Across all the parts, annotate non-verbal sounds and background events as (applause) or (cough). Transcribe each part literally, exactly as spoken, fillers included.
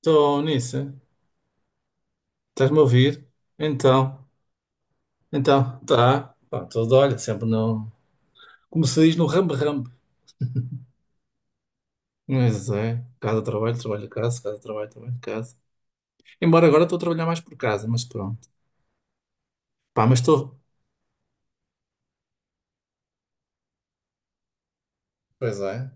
Estou nisso. Estás-me a ouvir? Então, então, tá. Pá, tudo, olha, sempre não. Como se diz no rambe-rambe. Mas é, casa, trabalho, trabalho, casa, casa, trabalho, trabalho, casa. Embora agora estou a trabalhar mais por casa, mas pronto. Pá, mas estou. Pois é.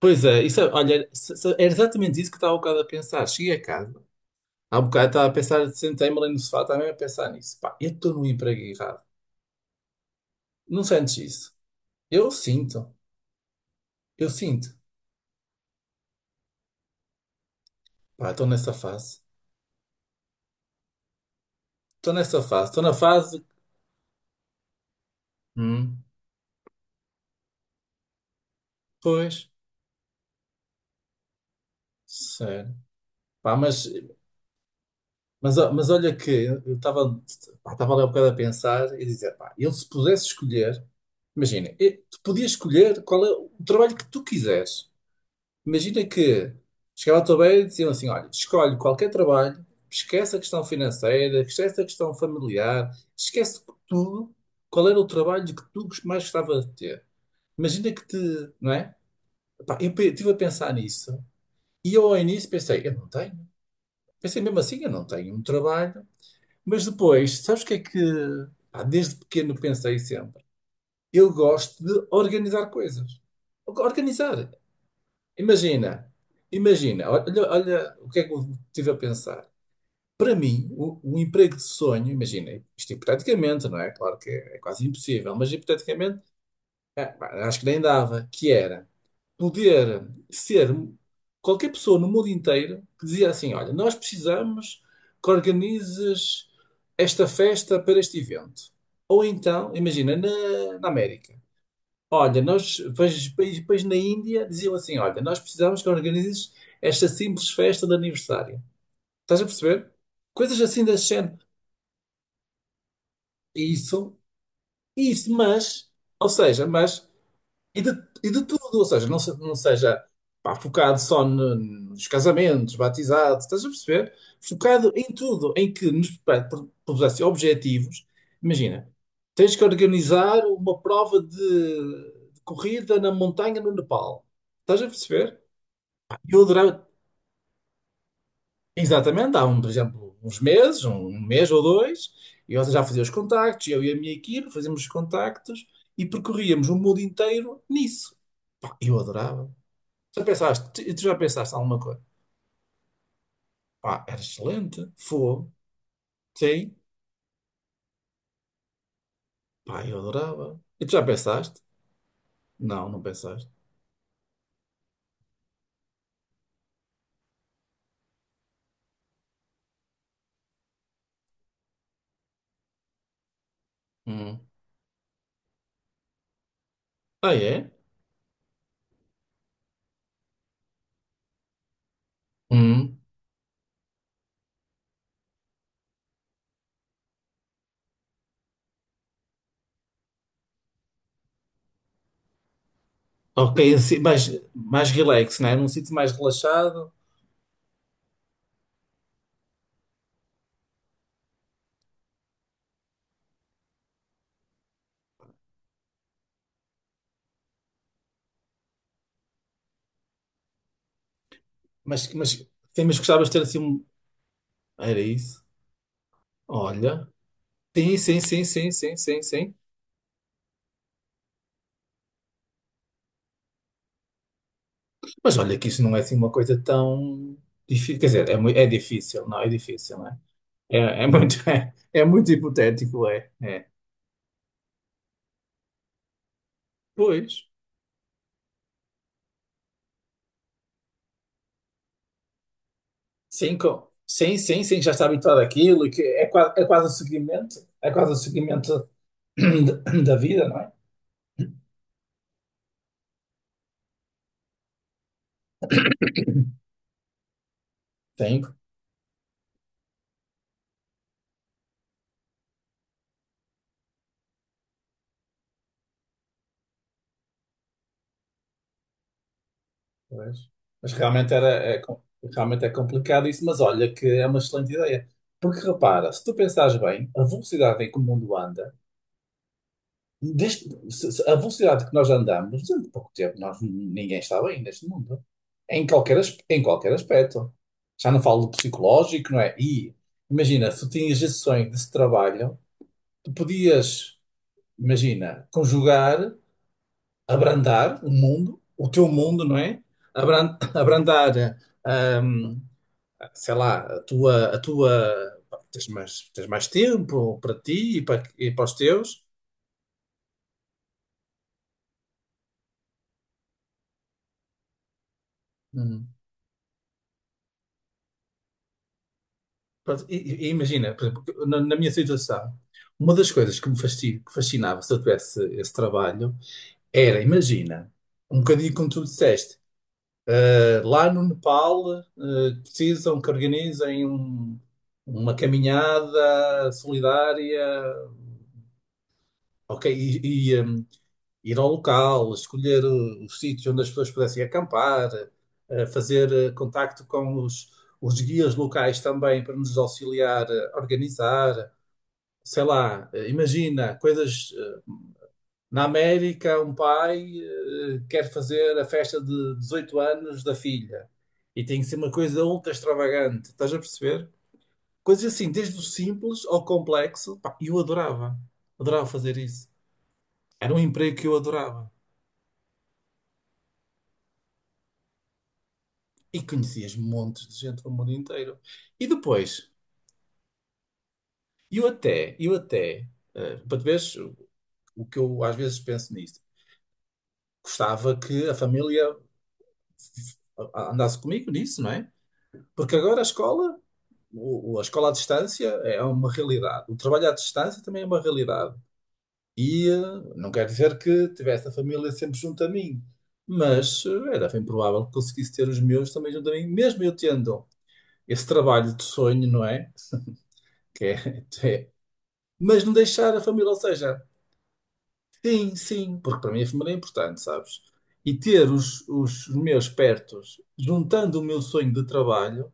Pois é, isso, é- olha, se- se- era exatamente isso que estava um bocado a pensar. Cheguei a casa, há um bocado estava a pensar, sentei-me ali no sofá, estava mesmo a pensar nisso. Pá, eu estou no emprego errado. Não sentes isso? Eu sinto, eu sinto. Pá, estou nessa fase. Estou nessa fase. Estou na fase. Hum. Pois, sério. Pá, mas, mas, mas olha que eu estava estava ali um bocado a pensar e dizer, pá, ele se pudesse escolher, imagina, e- tu podias escolher qual é o trabalho que tu quiseres. Imagina que chegava à tua beira e diziam assim, olha, escolhe qualquer trabalho, esquece a questão financeira, esquece a questão familiar, esquece tudo, qual era o trabalho que tu mais gostava de ter. Imagina que te, não é? Pá, eu estive a pensar nisso. E eu ao início pensei, eu não tenho. Pensei mesmo assim, eu não tenho um trabalho. Mas depois, sabes o que é que. Pá, desde pequeno pensei sempre. Eu gosto de organizar coisas. Organizar. Imagina, imagina, olha, olha o que é que eu estive a pensar. Para mim, o, o emprego de sonho, imagina, isto hipoteticamente, não é? Claro que é, é quase impossível, mas hipoteticamente, é, pá, acho que nem dava, que era. Poder ser qualquer pessoa no mundo inteiro que dizia assim: olha, nós precisamos que organizes esta festa para este evento. Ou então, imagina, na, na América. Olha, nós, depois, depois depois na Índia diziam assim: olha, nós precisamos que organizes esta simples festa de aniversário. Estás a perceber? Coisas assim desse género. Isso, isso, mas, ou seja, mas. E de, e de tudo, ou seja, não, se- não seja, pá, focado só no- nos casamentos, batizados, estás a perceber? Focado em tudo, em que nos pre- pro- propusesse objetivos. Imagina, tens que organizar uma prova de, de, corrida na montanha no Nepal. Estás a perceber? Pá, eu adorava, exatamente, há um, por exemplo, uns meses, um, um mês ou dois, eu já fazia os contactos, eu e a minha equipe fazíamos os contactos e percorríamos o mundo inteiro nisso. Pá, eu adorava. Já pensaste, e tu já pensaste alguma coisa? Pá, era excelente, fogo, sim, pá, eu adorava. E tu já pensaste? Não, não pensaste. Hum. Ah, é? Hum. Ok, assim, mais, mais relax, né? Num sítio mais relaxado, mas, mas, sim, mas gostavas de ter assim um. Era isso? Olha. Sim, sim, sim, sim, sim, sim, sim. Mas olha que isso não é assim uma coisa tão difícil. Quer dizer, é, mui- é difícil, não, é difícil, não É, É, é muito, (laughs) é, é muito hipotético, é, é. Pois. Sim, com- sim, sim, sim, já está habituado àquilo, que é, qua- é quase um seguimento, é quase um seguimento (clears throat) da da vida, não é? Sim, pois. Mas realmente era, é, com- realmente é complicado isso, mas olha que é uma excelente ideia. Porque repara, se tu pensares bem, a velocidade em que o mundo anda, desde, se- se- a velocidade que nós andamos, durante pouco tempo, nós, ninguém está bem neste mundo. Em qualquer, as- em qualquer aspecto. Já não falo do psicológico, não é? E imagina, se tu tinhas gestões sonho desse trabalho. Tu podias, imagina, conjugar, abrandar o mundo, o teu mundo, não é? Abran- (coughs) Abrandar, hum, sei lá, a tua, a tua, tens mais, tens mais tempo para ti e para, e para os teus. Hum. Pronto. E, e- e imagina, por exemplo, que na, na minha situação, uma das coisas que me fasci- que fascinava se eu tivesse esse trabalho era, imagina, um bocadinho como tu disseste. Lá no Nepal, eh, precisam que organizem um- uma caminhada solidária, ok, e, e, hum, ir ao local, escolher eh, os sítios onde as pessoas pudessem acampar, eh, fazer eh, contacto com os, os guias locais também para nos auxiliar a organizar, sei lá, eh, imagina coisas. Na América, um pai eh, quer fazer a festa de dezoito anos da filha e tem que ser uma coisa ultra extravagante, estás a perceber? Coisas assim, desde o simples ao complexo. Pá, eu adorava, adorava fazer isso. Era um emprego que eu adorava. E conhecias montes de gente do mundo inteiro. E depois, eu até, eu até, eh, para tu veres o o que eu às vezes penso nisto, gostava que a família f- f- andasse comigo nisso, não é? Porque agora a escola. O- o- a escola à distância é uma realidade. O trabalho à distância também é uma realidade. E eh, não quer dizer que tivesse a família sempre junto a mim, mas eh, era bem provável que conseguisse ter os meus também junto a mim, mesmo eu tendo esse trabalho de sonho, não é? Que é, (laughs) é- mas não deixar a família, ou seja. Sim, sim, porque para mim a família é importante, sabes? E ter os, os meus pertos, juntando o meu sonho de trabalho,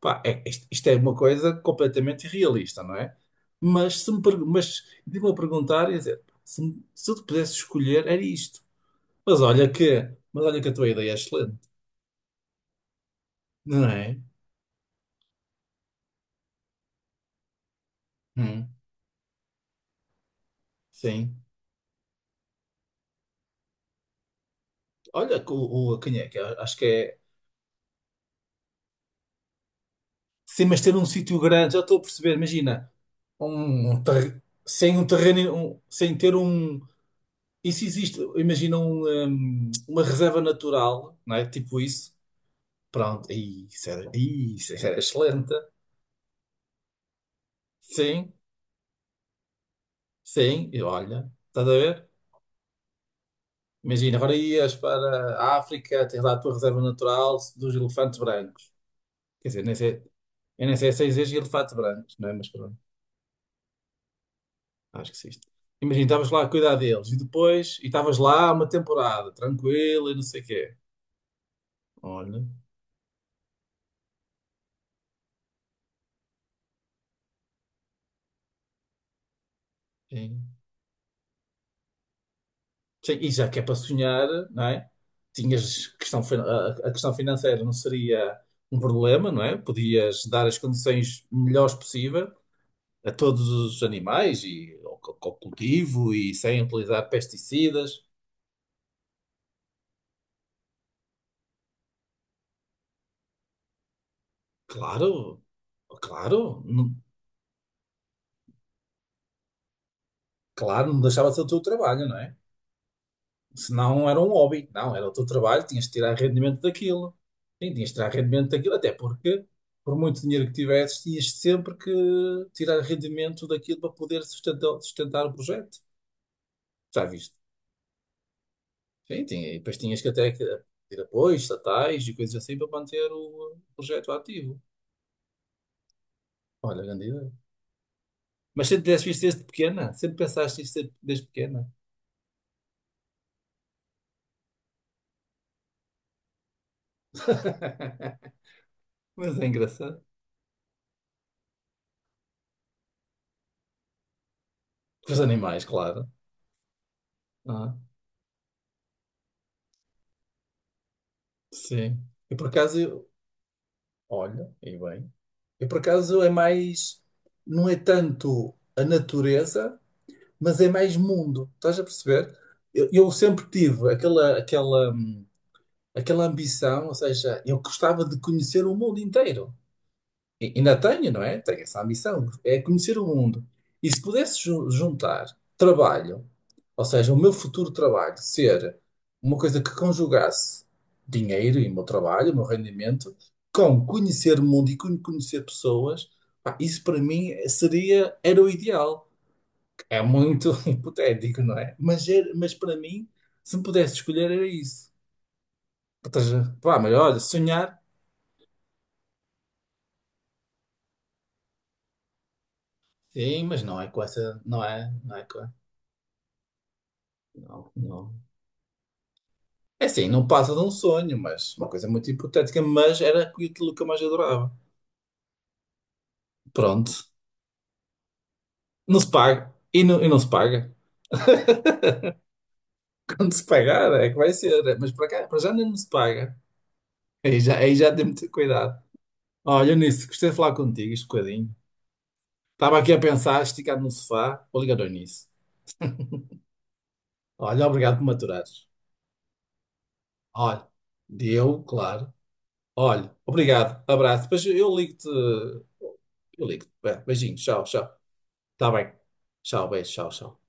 pá, é, isto, isto é uma coisa completamente irrealista, não é? Mas se me, per- mas de me a perguntar, ia dizer, se, me- se eu te pudesse escolher, era isto. Mas olha que, mas olha que, a tua ideia é excelente, não é? Hum, sim. Olha, que o, o- quem é que é? Acho que é. Sim, mas ter um sítio grande, já estou a perceber, imagina, um, um ter- sem um terreno, um- sem ter um. Isso existe, imagina um, um, uma reserva natural, não é? Tipo isso. Pronto, aí, isso era, aí, isso era excelente. Sim, sim, e olha, estás a ver? Imagina, agora ias para a África, tens lá a tua reserva natural dos elefantes brancos. Quer dizer, nem sei, eu nem sei se existe elefante branco, não é? Mas pronto. Acho que sim. Imagina, estavas lá a cuidar deles e depois, e estavas lá uma temporada, tranquilo e não sei o quê. Olha, sim. Sim, e já que é para sonhar, não é? Tinhas questão, fin- a a questão financeira não seria um problema, não é? Podias dar as condições melhores possível a todos os animais e ao, co- ao cultivo e sem utilizar pesticidas. Claro, claro, não- claro, não deixava de ser o teu trabalho, não é? Senão era um hobby. Não, era o teu trabalho, tinhas de tirar rendimento daquilo. Sim, tinhas de tirar rendimento daquilo, até porque, por muito dinheiro que tivesses, tinhas sempre que tirar rendimento daquilo para poder sustentar, sustentar o projeto. Já viste? Sim, tinha, e depois tinhas que até que ter apoios estatais e coisas assim para manter o projeto ativo. Olha, grande ideia. Mas sempre tivesse visto desde pequena, sempre pensaste isto desde desde pequena. (laughs) Mas é engraçado. Com os animais, claro. Ah, sim. E por acaso, eu- olha, e bem, e por acaso é mais, não é tanto a natureza, mas é mais mundo. Estás a perceber? Eu, eu sempre tive aquela, aquela, hum, aquela ambição, ou seja, eu gostava de conhecer o mundo inteiro. E- Ainda tenho, não é? Tenho essa ambição, é conhecer o mundo. E se pudesse ju- juntar trabalho, ou seja, o meu futuro trabalho, ser uma coisa que conjugasse dinheiro e o meu trabalho, o meu rendimento, com conhecer o mundo e con- conhecer pessoas, pá, isso para mim seria, era o ideal. É muito (laughs) hipotético, não é? Mas, era- mas para mim, se me pudesse escolher, era isso. Ou seja, pá, mas olha, sonhar, sim, mas não é com essa, não é, não é com, não, não. É assim, não passa de um sonho, mas uma coisa muito hipotética, mas era aquilo que eu mais adorava. Pronto. Não se paga. E não, e não se paga. (laughs) Quando se pagar é que vai ser. Mas para cá, para já ainda não se paga. Aí já, aí já tem muito cuidado. Olha, nisso, gostei de falar contigo este bocadinho. Estava aqui a pensar, esticado no sofá, vou ligar ao nisso. Olha, obrigado por me aturares. Olha, deu, claro. Olha, obrigado, abraço. Depois eu ligo-te. Eu ligo-te. Bem, beijinho, tchau, tchau. Tá bem. Tchau, beijo, tchau, tchau.